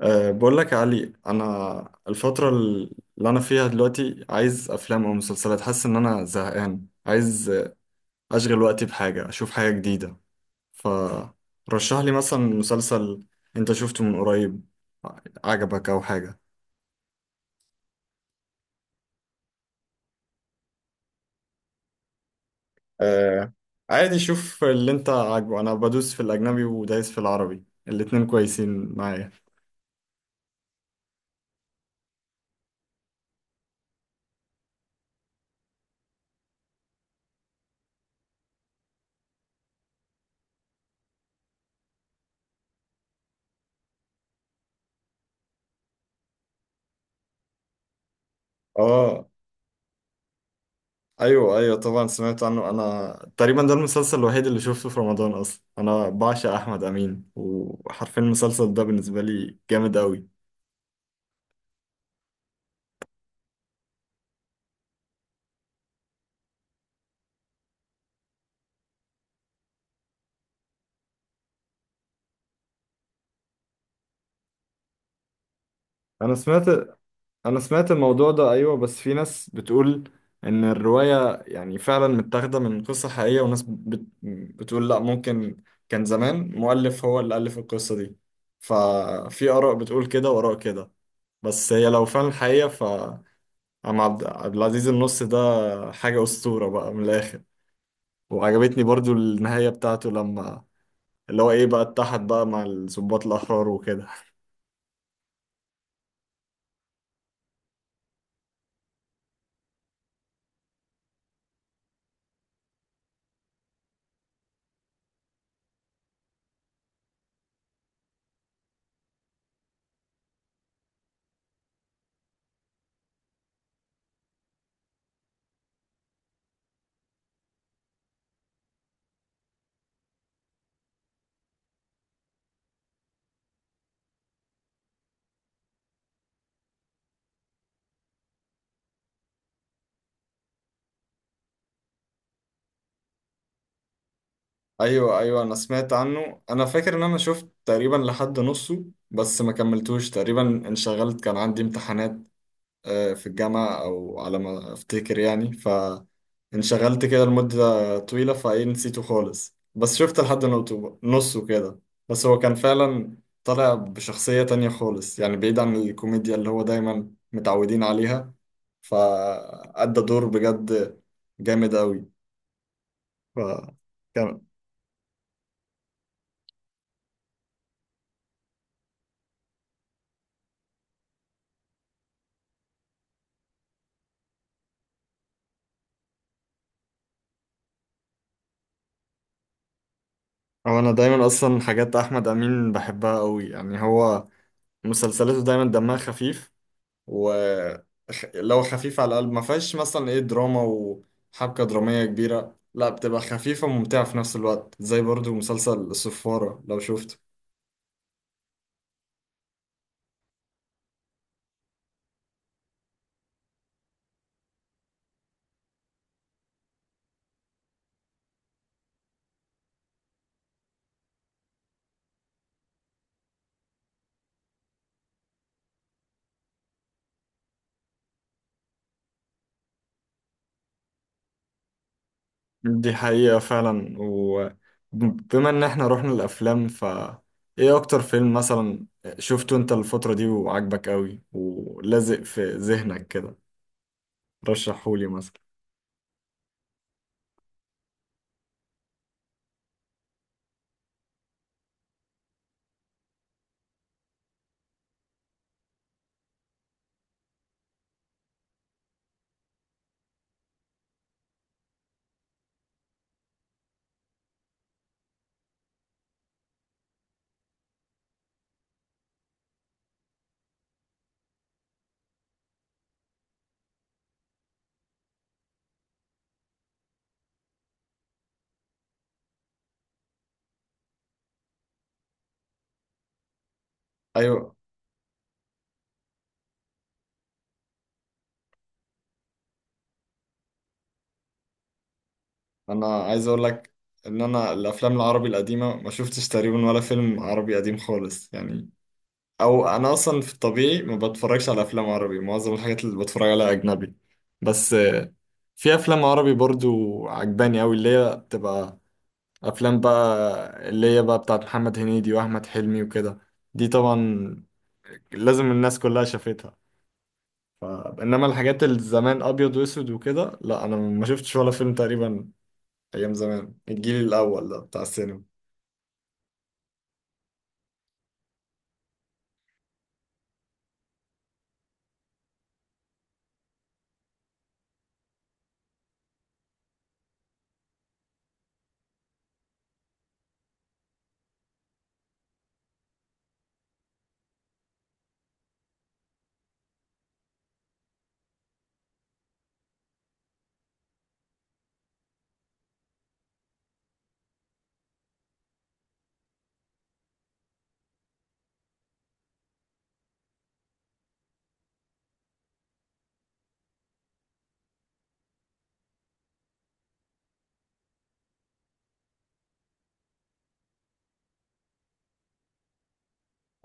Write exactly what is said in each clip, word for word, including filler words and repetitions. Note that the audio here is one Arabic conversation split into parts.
أه بقول لك يا علي، انا الفتره اللي انا فيها دلوقتي عايز افلام او مسلسلات، حاسس ان انا زهقان، عايز اشغل وقتي بحاجه، اشوف حاجه جديده. فرشح لي مثلا مسلسل انت شفته من قريب، عجبك او حاجه. أه، عادي، شوف اللي انت عاجبه. انا بدوس في الاجنبي ودايس في العربي، الاتنين كويسين معايا. اه، ايوه ايوه، طبعا سمعت عنه. انا تقريبا ده المسلسل الوحيد اللي شفته في رمضان اصلا، انا بعشق احمد امين، وحرفيا المسلسل ده بالنسبه لي جامد قوي. انا سمعت انا سمعت الموضوع ده، ايوه. بس في ناس بتقول ان الروايه يعني فعلا متاخده من قصه حقيقيه، وناس بت... بتقول لا، ممكن كان زمان مؤلف هو اللي الف القصه دي. ففي اراء بتقول كده واراء كده. بس هي لو فعلا حقيقه، ف عم عبد عبد العزيز، النص ده حاجة أسطورة بقى من الآخر. وعجبتني برضو النهاية بتاعته، لما اللي هو ايه بقى اتحد بقى مع الضباط الأحرار وكده. ايوه ايوه، انا سمعت عنه. انا فاكر ان انا شفت تقريبا لحد نصه بس ما كملتوش تقريبا. انشغلت، كان عندي امتحانات آه، في الجامعة أو على ما أفتكر يعني. فانشغلت كده لمدة طويلة، فإيه نسيته خالص. بس شفت لحد نقطه- نصه كده. بس هو كان فعلا طالع بشخصية تانية خالص، يعني بعيد عن الكوميديا اللي هو دايما متعودين عليها. فأدى دور بجد جامد أوي. ف كان هو أنا دايما أصلا حاجات أحمد أمين بحبها أوي، يعني هو مسلسلاته دايما دمها خفيف، ولو خفيف على القلب ما فيهاش مثلا ايه دراما وحبكة درامية كبيرة، لا بتبقى خفيفة وممتعة في نفس الوقت، زي برضو مسلسل الصفارة لو شفته. دي حقيقة فعلا. وبما ان احنا رحنا الافلام، ف ايه اكتر فيلم مثلا شفته انت الفترة دي وعجبك قوي ولازق في ذهنك كده؟ رشحهولي مثلا. ايوه، انا عايز اقول لك ان انا الافلام العربي القديمة ما شفتش تقريبا ولا فيلم عربي قديم خالص يعني. او انا اصلا في الطبيعي ما بتفرجش على افلام عربي، معظم الحاجات اللي بتفرج عليها اجنبي. بس آه، في افلام عربي برضو عجباني اوي اللي هي بتبقى افلام بقى اللي هي بقى بتاعت محمد هنيدي واحمد حلمي وكده. دي طبعا لازم الناس كلها شافتها. ف... انما الحاجات اللي زمان ابيض واسود وكده، لا انا ما شفتش ولا فيلم تقريبا. ايام زمان الجيل الاول ده بتاع السينما.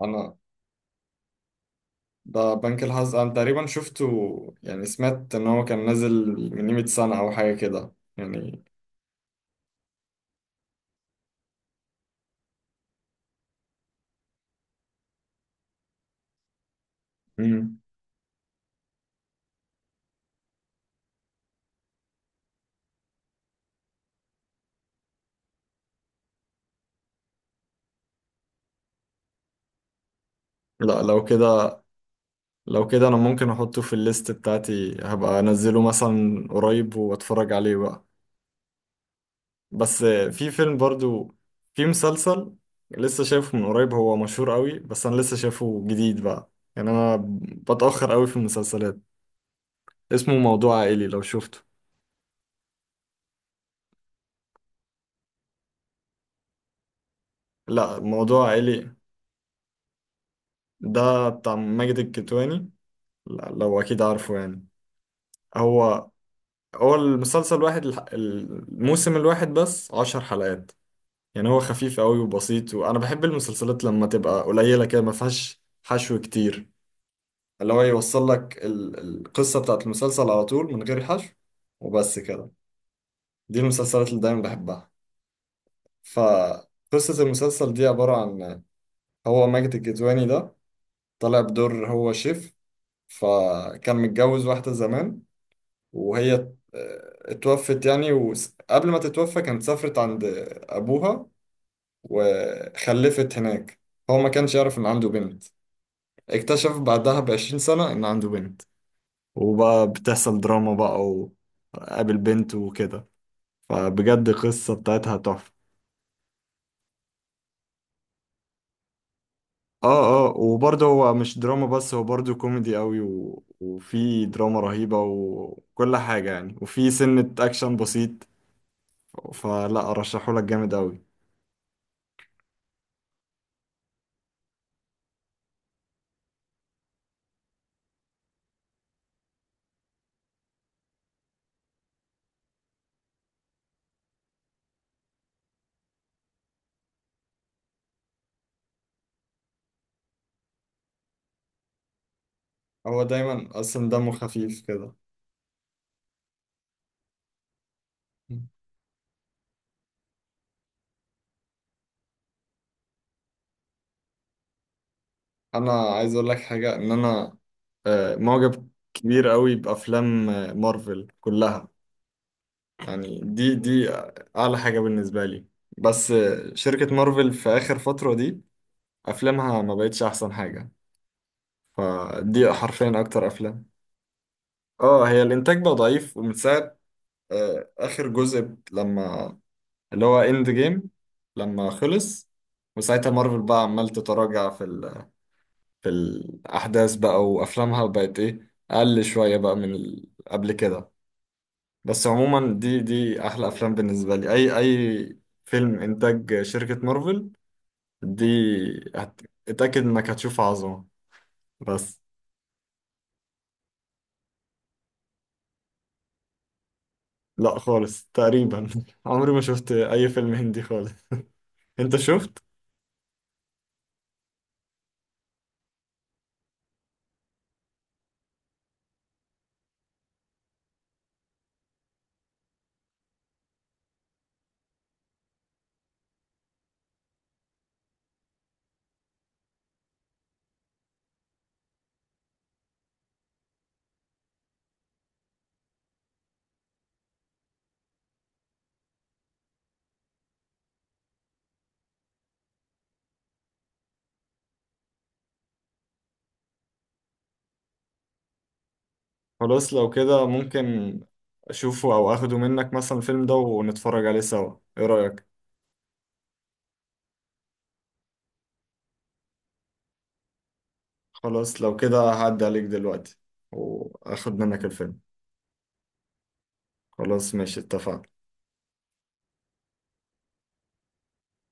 انا ده بنك الحظ انا تقريبا شفته، يعني سمعت ان هو كان نازل من قيمة سنة او حاجة كده يعني. مم. لا، لو كده لو كده انا ممكن احطه في الليست بتاعتي، هبقى انزله مثلا قريب واتفرج عليه بقى. بس في فيلم برضو في مسلسل لسه شايفه من قريب، هو مشهور قوي بس انا لسه شايفه جديد بقى. يعني انا بتأخر قوي في المسلسلات. اسمه موضوع عائلي، لو شفته. لا، موضوع عائلي، ده بتاع ماجد الكدواني. لا لو اكيد عارفه يعني. هو هو المسلسل الواحد الح- الموسم الواحد بس عشر حلقات. يعني هو خفيف قوي وبسيط، وانا بحب المسلسلات لما تبقى قليلة كده ما فيهاش حشو كتير، اللي هو يوصل لك ال- القصة بتاعت المسلسل على طول من غير حشو، وبس كده. دي المسلسلات اللي دايما بحبها. فقصة المسلسل دي عبارة عن، هو ماجد الكدواني ده طالع بدور هو شيف. فكان متجوز واحدة زمان، وهي آه، اتوفت يعني. وقبل ما تتوفى كانت سافرت عند أبوها وخلفت هناك. هو ما كانش يعرف إن عنده بنت، اكتشف بعدها بعشرين سنة إن عنده بنت، وبقى بتحصل دراما بقى، وقابل بنت وكده. فبجد القصة بتاعتها تحفة. اه اه، وبرضه هو مش دراما بس، هو برضه كوميدي قوي و... وفي دراما رهيبة وكل حاجة يعني، وفي سنة أكشن بسيط. فلا أرشحه لك جامد قوي. هو دايما اصلا دمه خفيف كده. انا عايز اقول لك حاجه ان انا آه، معجب كبير قوي بافلام آه، مارفل كلها. يعني دي دي اعلى حاجه بالنسبه لي. بس آه، شركه مارفل في اخر فتره دي افلامها ما بقتش احسن حاجه. فدي حرفيا اكتر افلام. اه، هي الانتاج بقى ضعيف ومن ساعه آه، اخر جزء لما اللي هو اند جيم لما خلص. وساعتها مارفل بقى عمال تتراجع في في الأحداث بقى، وأفلامها بقت إيه أقل شوية بقى من ال- قبل كده. بس عموما دي دي أحلى أفلام بالنسبة لي. أي أي فيلم إنتاج شركة مارفل دي، هت... اتأكد إنك هتشوف عظمة. بس لا خالص تقريبا عمري ما شفت أي فيلم هندي خالص. أنت شفت؟ خلاص لو كده ممكن أشوفه أو أخده منك مثلا الفيلم ده ونتفرج عليه سوا، إيه رأيك؟ خلاص لو كده هعدي عليك دلوقتي وأخد منك الفيلم. خلاص ماشي، اتفقنا.